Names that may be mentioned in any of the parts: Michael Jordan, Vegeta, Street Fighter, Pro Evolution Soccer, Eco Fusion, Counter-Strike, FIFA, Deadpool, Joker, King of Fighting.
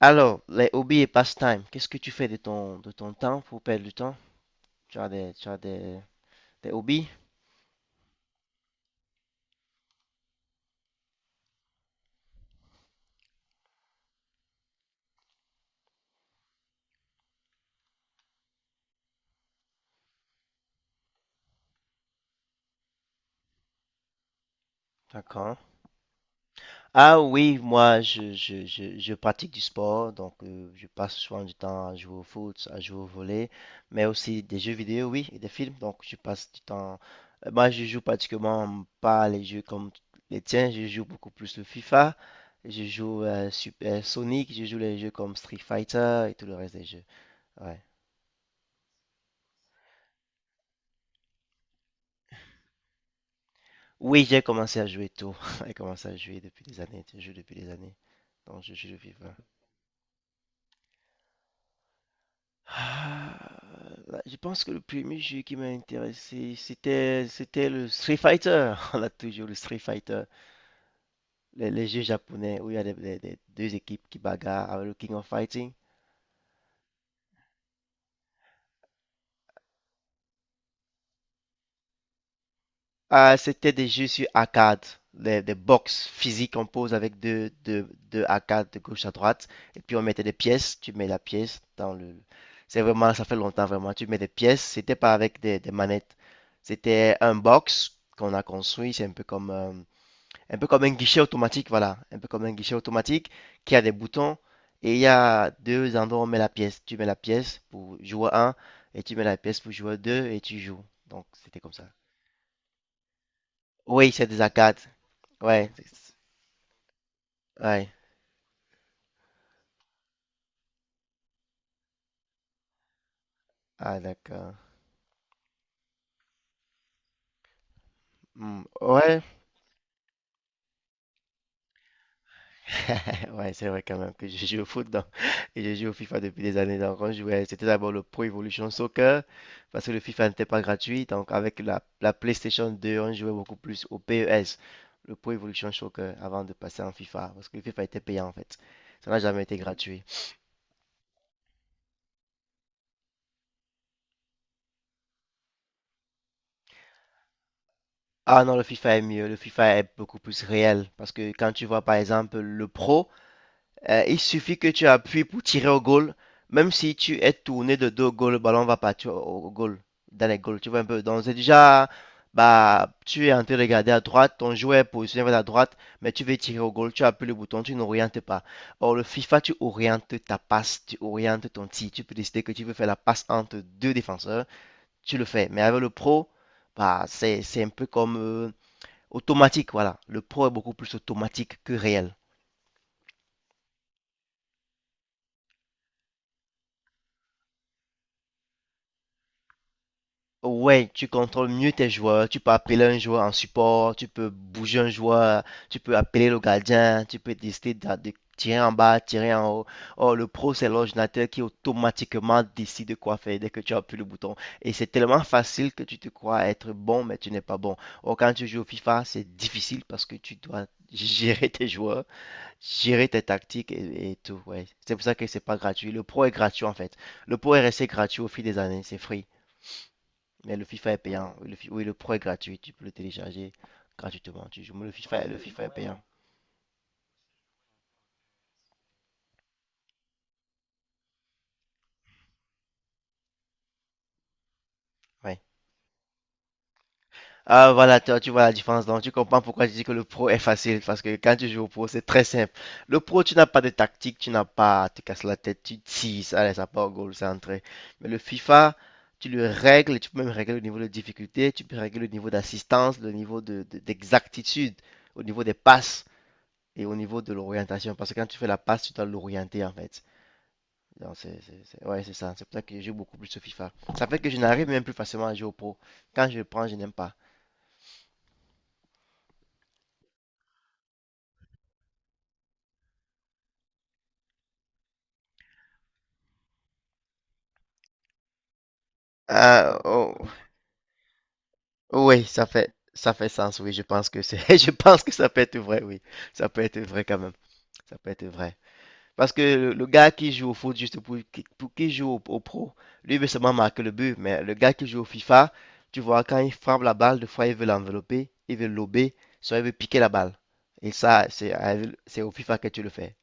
Alors, les hobbies et passe-temps, qu'est-ce que tu fais de ton temps pour perdre du temps? Tu as des hobbies? D'accord. Ah oui, moi, je pratique du sport, donc je passe souvent du temps à jouer au foot, à jouer au volley, mais aussi des jeux vidéo, oui, et des films, donc je passe du temps. Moi, je joue pratiquement pas les jeux comme les tiens, je joue beaucoup plus le FIFA, je joue Super Sonic, je joue les jeux comme Street Fighter et tout le reste des jeux. Ouais. Oui, j'ai commencé à jouer tôt. J'ai commencé à jouer depuis des années. Je joue depuis des années. Donc, je joue vivant. Ah, là, je pense que le premier jeu qui m'a intéressé, c'était le Street Fighter. On a toujours le Street Fighter. Les jeux japonais où il y a deux équipes qui bagarrent avec le King of Fighting. Ah, c'était des jeux sur arcade, des box physiques, on pose avec deux arcades de gauche à droite, et puis on mettait des pièces, tu mets la pièce dans le... C'est vraiment, ça fait longtemps vraiment, tu mets des pièces, c'était pas avec des manettes, c'était un box qu'on a construit, c'est un peu comme, un peu comme un guichet automatique, voilà, un peu comme un guichet automatique qui a des boutons, et il y a deux endroits où on met la pièce, tu mets la pièce pour jouer un et tu mets la pièce pour jouer 2 et tu joues, donc c'était comme ça. Oui, c'est des arcades. Ouais, c'est- ouais. Ah, d'accord. Hmm. Ouais. Ouais, c'est vrai quand même que je joue au foot donc, et je joue au FIFA depuis des années. Donc, on jouait, c'était d'abord le Pro Evolution Soccer parce que le FIFA n'était pas gratuit. Donc, avec la PlayStation 2, on jouait beaucoup plus au PES, le Pro Evolution Soccer, avant de passer en FIFA parce que le FIFA était payant en fait. Ça n'a jamais été gratuit. Ah non, le FIFA est mieux. Le FIFA est beaucoup plus réel parce que quand tu vois par exemple le Pro. Il suffit que tu appuies pour tirer au goal. Même si tu es tourné de dos au goal, le ballon va partir au goal, dans les goals. Tu vois un peu. Donc, c'est déjà, bah, tu es en train de regarder à droite, ton joueur est positionné vers la droite, mais tu veux tirer au goal, tu appuies le bouton, tu n'orientes pas. Or, le FIFA, tu orientes ta passe, tu orientes ton tir. Tu peux décider que tu veux faire la passe entre deux défenseurs, tu le fais. Mais avec le pro, bah, c'est un peu comme automatique, voilà. Le pro est beaucoup plus automatique que réel. Ouais, tu contrôles mieux tes joueurs, tu peux appeler un joueur en support, tu peux bouger un joueur, tu peux appeler le gardien, tu peux décider de tirer en bas, tirer en haut. Or, le pro, c'est l'ordinateur qui automatiquement décide quoi faire dès que tu appuies le bouton. Et c'est tellement facile que tu te crois être bon, mais tu n'es pas bon. Or, quand tu joues au FIFA, c'est difficile parce que tu dois gérer tes joueurs, gérer tes tactiques et tout. Ouais. C'est pour ça que c'est pas gratuit. Le pro est gratuit en fait. Le pro est resté gratuit au fil des années, c'est free. Mais le FIFA est payant. Oui, le Pro est gratuit. Tu peux le télécharger gratuitement. Tu joues. Mais le FIFA est payant. Ouais. Ah, voilà, toi, tu vois la différence. Donc, tu comprends pourquoi je dis que le Pro est facile. Parce que quand tu joues au Pro, c'est très simple. Le Pro, tu n'as pas de tactique. Tu n'as pas à te casser la tête. Tu tises. Allez, ça part au goal. C'est entré. Mais le FIFA, tu le règles. Tu peux même régler le niveau de difficulté. Tu peux régler le niveau d'assistance, le niveau d'exactitude, au niveau des passes et au niveau de l'orientation. Parce que quand tu fais la passe, tu dois l'orienter, en fait. Non c'est, c'est- ouais, c'est ça. C'est pour ça que je joue beaucoup plus sur FIFA. Ça fait que je n'arrive même plus facilement à jouer au pro. Quand je le prends, je n'aime pas. Ah, oh, oui, ça fait sens, oui. Je pense que c'est, je pense que ça peut être vrai, oui. Ça peut être vrai quand même. Ça peut être vrai. Parce que le gars qui joue au foot juste pour, pour qui joue au pro, lui il veut seulement marquer le but. Mais le gars qui joue au FIFA, tu vois, quand il frappe la balle, des fois il veut l'envelopper, il veut lober, soit il veut piquer la balle. Et ça, c'est au FIFA que tu le fais.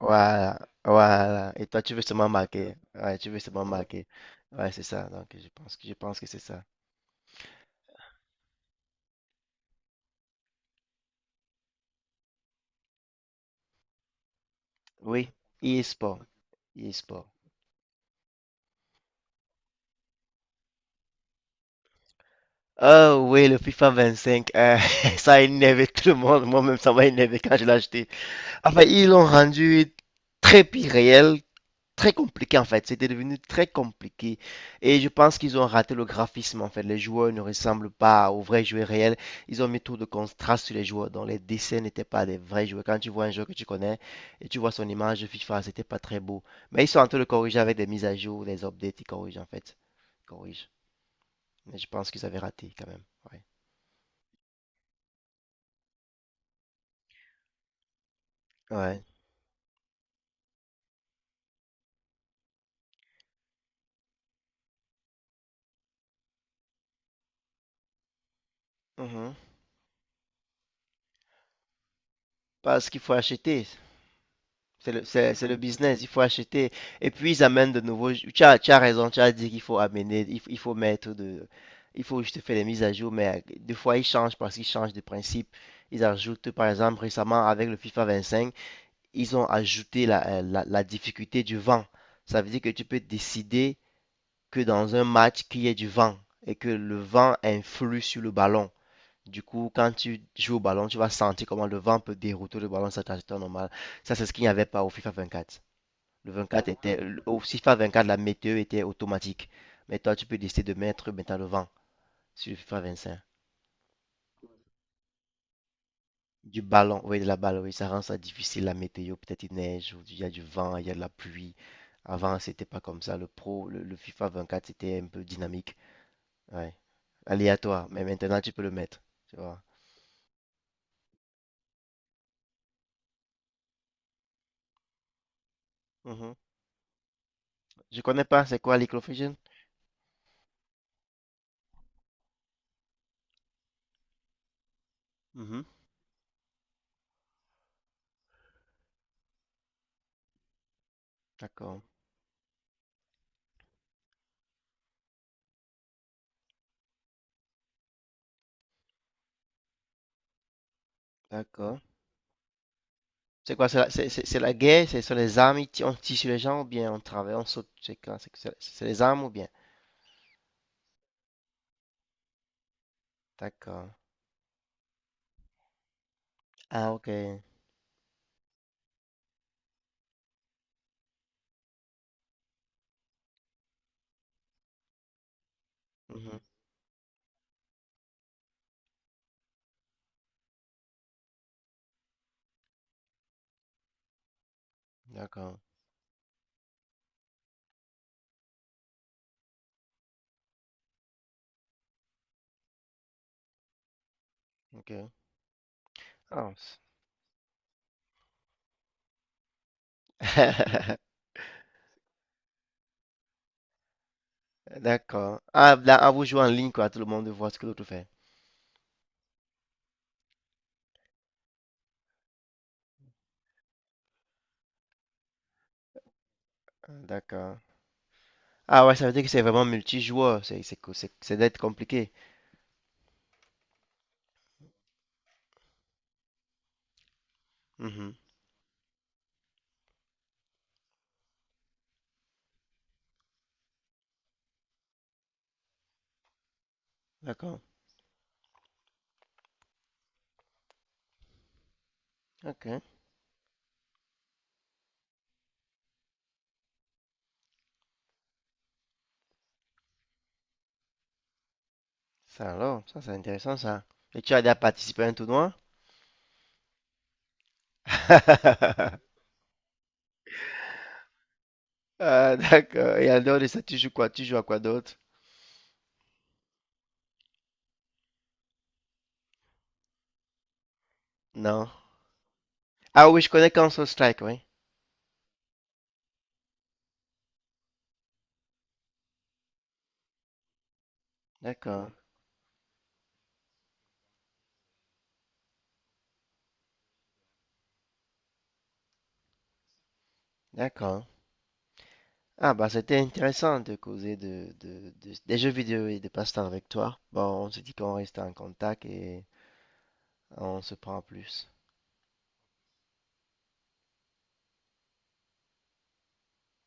Voilà, voilà. Et toi, tu veux seulement marquer. Ouais, tu veux seulement marquer. Ouais, c'est ça. Donc, je pense que c'est ça. Oui, e-sport, e-sport. Oh oui, le FIFA 25, ça a énervé tout le monde. Moi-même, ça m'a énervé quand je l'ai acheté. Enfin, ils l'ont rendu très pire très compliqué en fait. C'était devenu très compliqué. Et je pense qu'ils ont raté le graphisme en fait. Les joueurs ne ressemblent pas aux vrais joueurs réels. Ils ont mis trop de contraste sur les joueurs. Donc les dessins n'étaient pas des vrais joueurs. Quand tu vois un joueur que tu connais et tu vois son image FIFA, c'était pas très beau. Mais ils sont en train de corriger avec des mises à jour, des updates. Ils corrigent en fait. Ils corrigent. Mais je pense qu'ils avaient raté quand même. Ouais. Ouais. Mhm. Parce qu'il faut acheter. C'est le business, il faut acheter. Et puis ils amènent de nouveaux. Tu as raison, tu as dit qu'il faut amener, il faut mettre de. Il faut juste faire des mises à jour, mais des fois ils changent parce qu'ils changent de principe. Ils ajoutent, par exemple, récemment avec le FIFA 25, ils ont ajouté la difficulté du vent. Ça veut dire que tu peux décider que dans un match qu'il y ait du vent et que le vent influe sur le ballon. Du coup, quand tu joues au ballon, tu vas sentir comment le vent peut dérouter le ballon, sur ça c'est normal. Ça, c'est ce qu'il n'y avait pas au FIFA 24. Le 24 était, au FIFA 24, la météo était automatique. Mais toi, tu peux décider de mettre maintenant le vent sur le FIFA 25. Du ballon, oui, de la balle, oui, ça rend ça difficile, la météo. Peut-être il neige, ou il y a du vent, il y a de la pluie. Avant, c'était pas comme ça. Le pro, le FIFA 24, c'était un peu dynamique. Ouais. Aléatoire. Mais maintenant, tu peux le mettre. Tu vois. Mhm. Je connais pas, c'est quoi l'Eco Fusion? Mhm. D'accord. D'accord. C'est quoi? C'est c'est la guerre? C'est sur les armes? On tire sur les gens ou bien on travaille? On saute? C'est quoi? C'est les armes ou bien? D'accord. Ah, ok. Mhm. D'accord. Ok. Ah, c'est- D'accord. Ah, là, ah, vous jouez en ligne, quoi. Tout le monde voit ce que l'autre fait. Ah, d'accord. Ah, ouais, ça veut dire que c'est vraiment multijoueur. C'est d'être compliqué. Mhm. D'accord. Ok. Ça alors, ça c'est intéressant, ça. Et tu as déjà participé à un tournoi? Ah, d'accord. Et en dehors de ça, tu joues quoi? Tu joues à quoi d'autre? Non. Ah oui, je connais Counter-Strike, oui. D'accord, d'accord. Ah bah c'était intéressant de causer des jeux vidéo et des passe-temps avec toi. Bon, on se dit qu'on reste en contact et on se prend en plus.